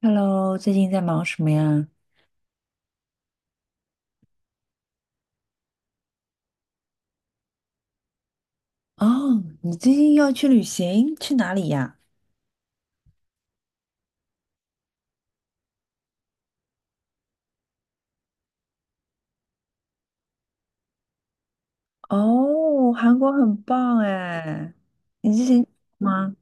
Hello，最近在忙什么呀？哦，你最近要去旅行，去哪里呀？哦，韩国很棒哎，你之前吗？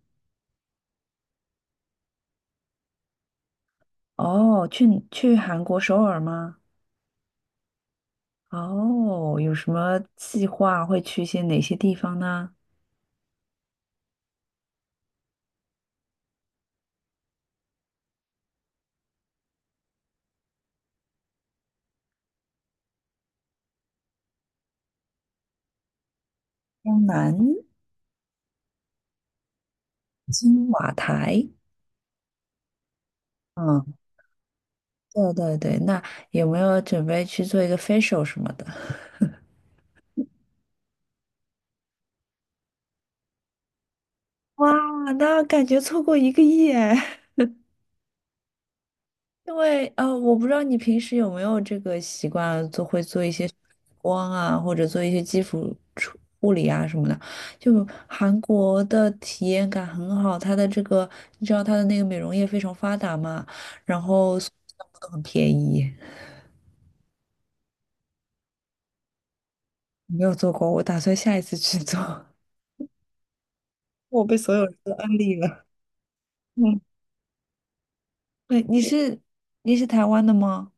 哦，去韩国首尔吗？哦，有什么计划会去一些哪些地方呢？江南、金瓦台，嗯，对对对，那有没有准备去做一个 facial 什么的？哇，那感觉错过一个亿哎。因为我不知道你平时有没有这个习惯，做会做一些光啊，或者做一些基础处护理啊什么的。就韩国的体验感很好，它的这个你知道它的那个美容业非常发达嘛，然后所有项目都很便宜。没有做过，我打算下一次去做。我被所有人都安利了。嗯，对，你是台湾的吗？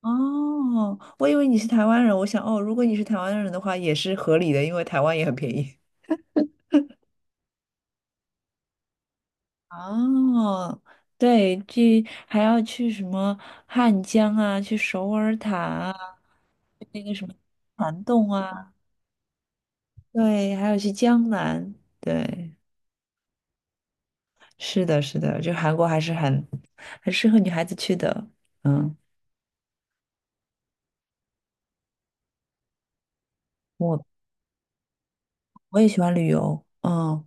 哦，我以为你是台湾人，我想哦，如果你是台湾人的话，也是合理的，因为台湾也很便宜。哦，对，去还要去什么汉江啊，去首尔塔啊，去那个什么涵洞啊，对，还要去江南，对，是的，是的，就韩国还是很适合女孩子去的。嗯，我我也喜欢旅游，嗯，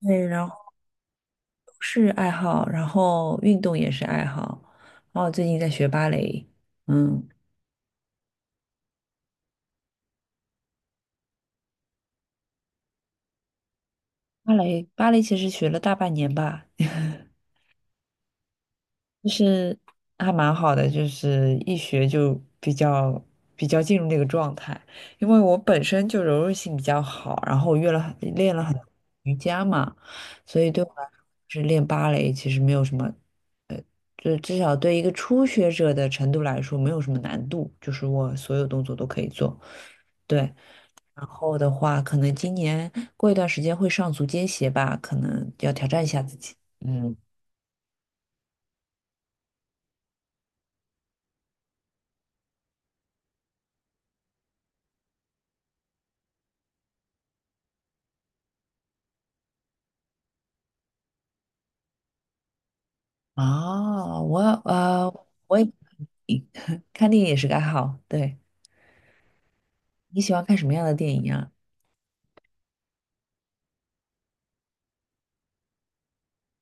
对，然后是爱好，然后运动也是爱好，然后我最近在学芭蕾，嗯，芭蕾其实学了大半年吧。就是还蛮好的，就是一学就比较进入那个状态，因为我本身就柔韧性比较好，然后我约了很练了很多瑜伽嘛，所以对我来说，是练芭蕾其实没有什么，就至少对一个初学者的程度来说没有什么难度，就是我所有动作都可以做。对，然后的话，可能今年过一段时间会上足尖鞋吧，可能要挑战一下自己。嗯。哦，呃，我也 看电影也是个爱好。对，你喜欢看什么样的电影啊？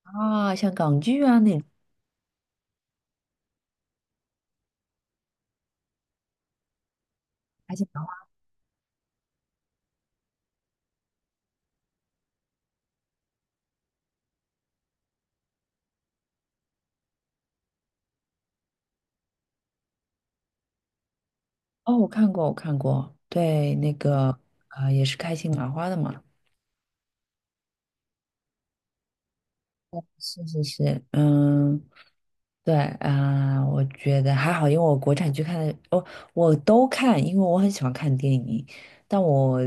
啊，像港剧啊那种开心麻花。哦，我看过，我看过。对，那个也是开心麻花的嘛。是是是，嗯，对啊、我觉得还好，因为我国产剧看的，哦，我都看，因为我很喜欢看电影，但我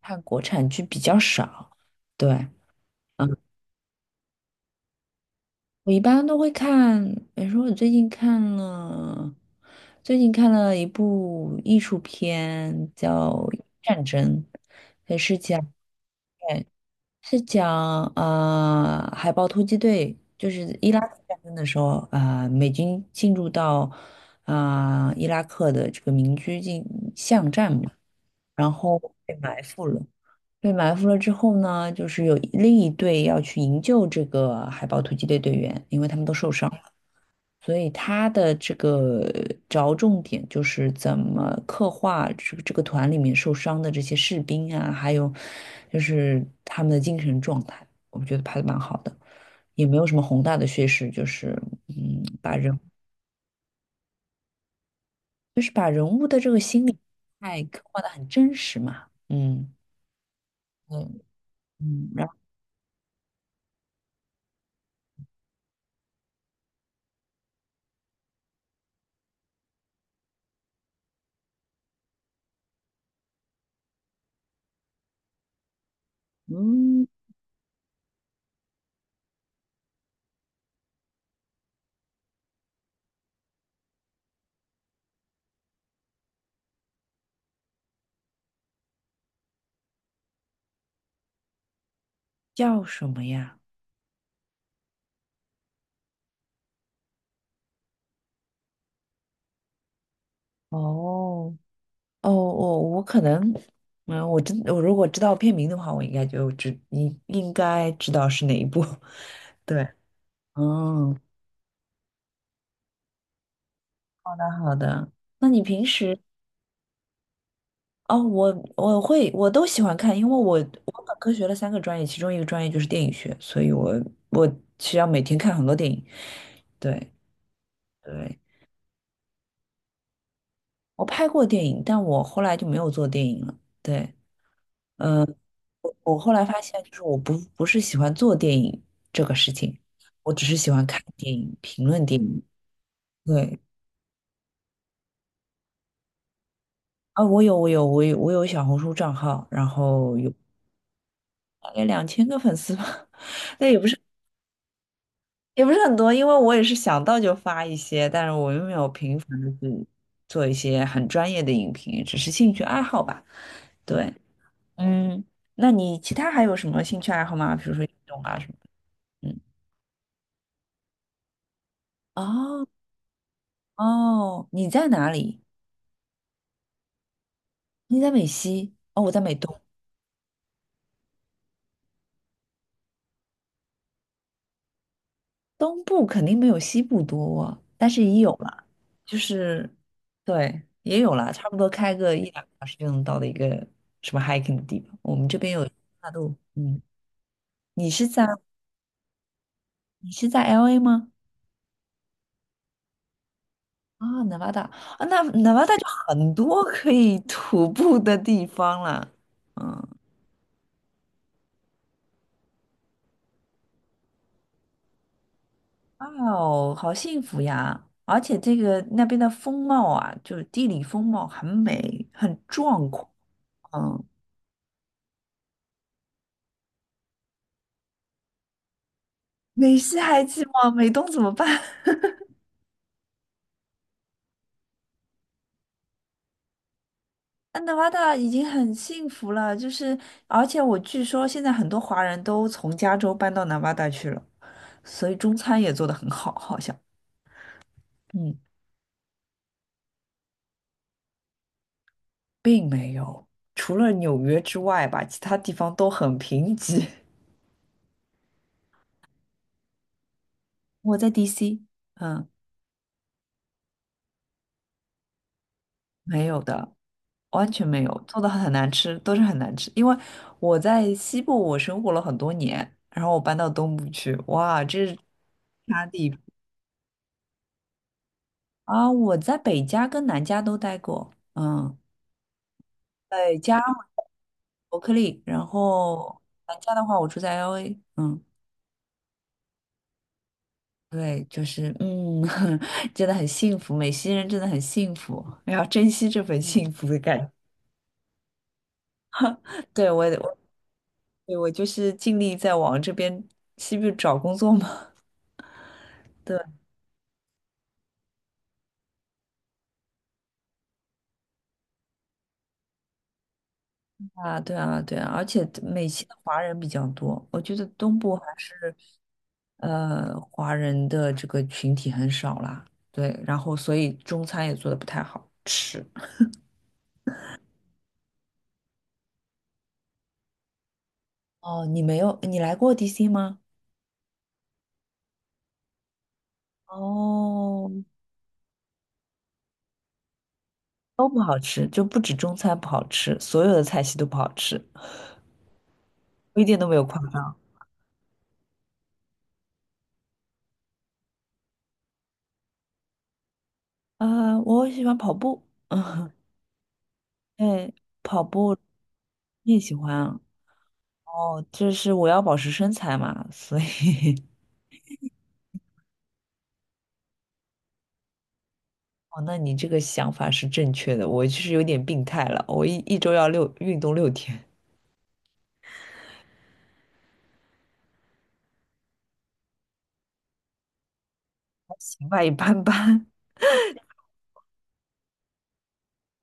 看国产剧比较少。对。嗯我一般都会看，比如说我最近看了一部艺术片叫《战争》，也是讲海豹突击队，就是伊拉克战争的时候，啊、美军进入到啊、伊拉克的这个民居进巷战嘛，然后被埋伏了。被埋伏了之后呢，就是有另一队要去营救这个海豹突击队队员，因为他们都受伤。所以他的这个着重点就是怎么刻画这个团里面受伤的这些士兵啊，还有就是他们的精神状态，我觉得拍的蛮好的，也没有什么宏大的叙事，就是嗯，把人把人物的这个心理态刻画的很真实嘛。嗯嗯嗯。然后嗯叫什么呀？哦。我可能，嗯，我如果知道片名的话，我应该就知，你应该知道是哪一部。对，嗯，好的好的。那你平时，哦，我都喜欢看，因为我本科学了三个专业，其中一个专业就是电影学，所以我需要每天看很多电影。对对，我拍过电影，但我后来就没有做电影了。对。呃我后来发现，就是我不是喜欢做电影这个事情，我只是喜欢看电影、评论电影。对，啊，我有小红书账号，然后有大概2000个粉丝吧，那也不是很多，因为我也是想到就发一些，但是我又没有频繁的去做一些很专业的影评，只是兴趣爱好吧。对，嗯，那你其他还有什么兴趣爱好吗？比如说运动啊什么的？嗯，哦哦，你在哪里？你在美西，哦，我在美东，东部肯定没有西部多啊，但是也有了，就是，对，也有了，差不多开个一两个小时就能到的一个什么 hiking 的地方。我们这边有大陆，嗯，你是在你是在 LA 吗？啊南 e 大啊，那南 e 大就很多可以徒步的地方了，嗯，哦，好幸福呀！而且这个那边的风貌啊，就是地理风貌很美，很壮阔。嗯。美西还寂寞，美东怎么办？安达巴大已经很幸福了，就是而且我据说现在很多华人都从加州搬到南巴达去了，所以中餐也做得很好，好像。嗯，并没有，除了纽约之外吧，其他地方都很贫瘠。我在 DC，嗯，没有的，完全没有，做的很难吃，都是很难吃。因为我在西部我生活了很多年，然后我搬到东部去，哇，这是。啊，我在北加跟南加都待过，嗯，北加伯克利，然后南加的话，我住在 LA，嗯，对，就是真的很幸福，美西人真的很幸福，要珍惜这份幸福的感觉。对，对，我就是尽力在往这边西部找工作嘛。对。啊，对啊，对啊，而且美籍的华人比较多，我觉得东部还是，华人的这个群体很少啦。对，然后所以中餐也做的不太好吃。哦，你没有，你来过 DC 吗？哦，都不好吃，就不止中餐不好吃，所有的菜系都不好吃，我一点都没有夸张。啊、我喜欢跑步，嗯，对，跑步你也喜欢。啊？哦，就是我要保持身材嘛，所以 哦，那你这个想法是正确的，我其实有点病态了，我一周要运动6天，还行吧，一般般。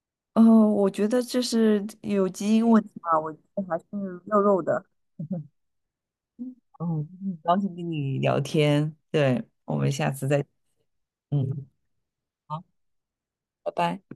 哦，我觉得这是有基因问题吧，我觉得还是肉肉的 嗯，很高兴跟你聊天，对，我们下次再，嗯，好，拜拜。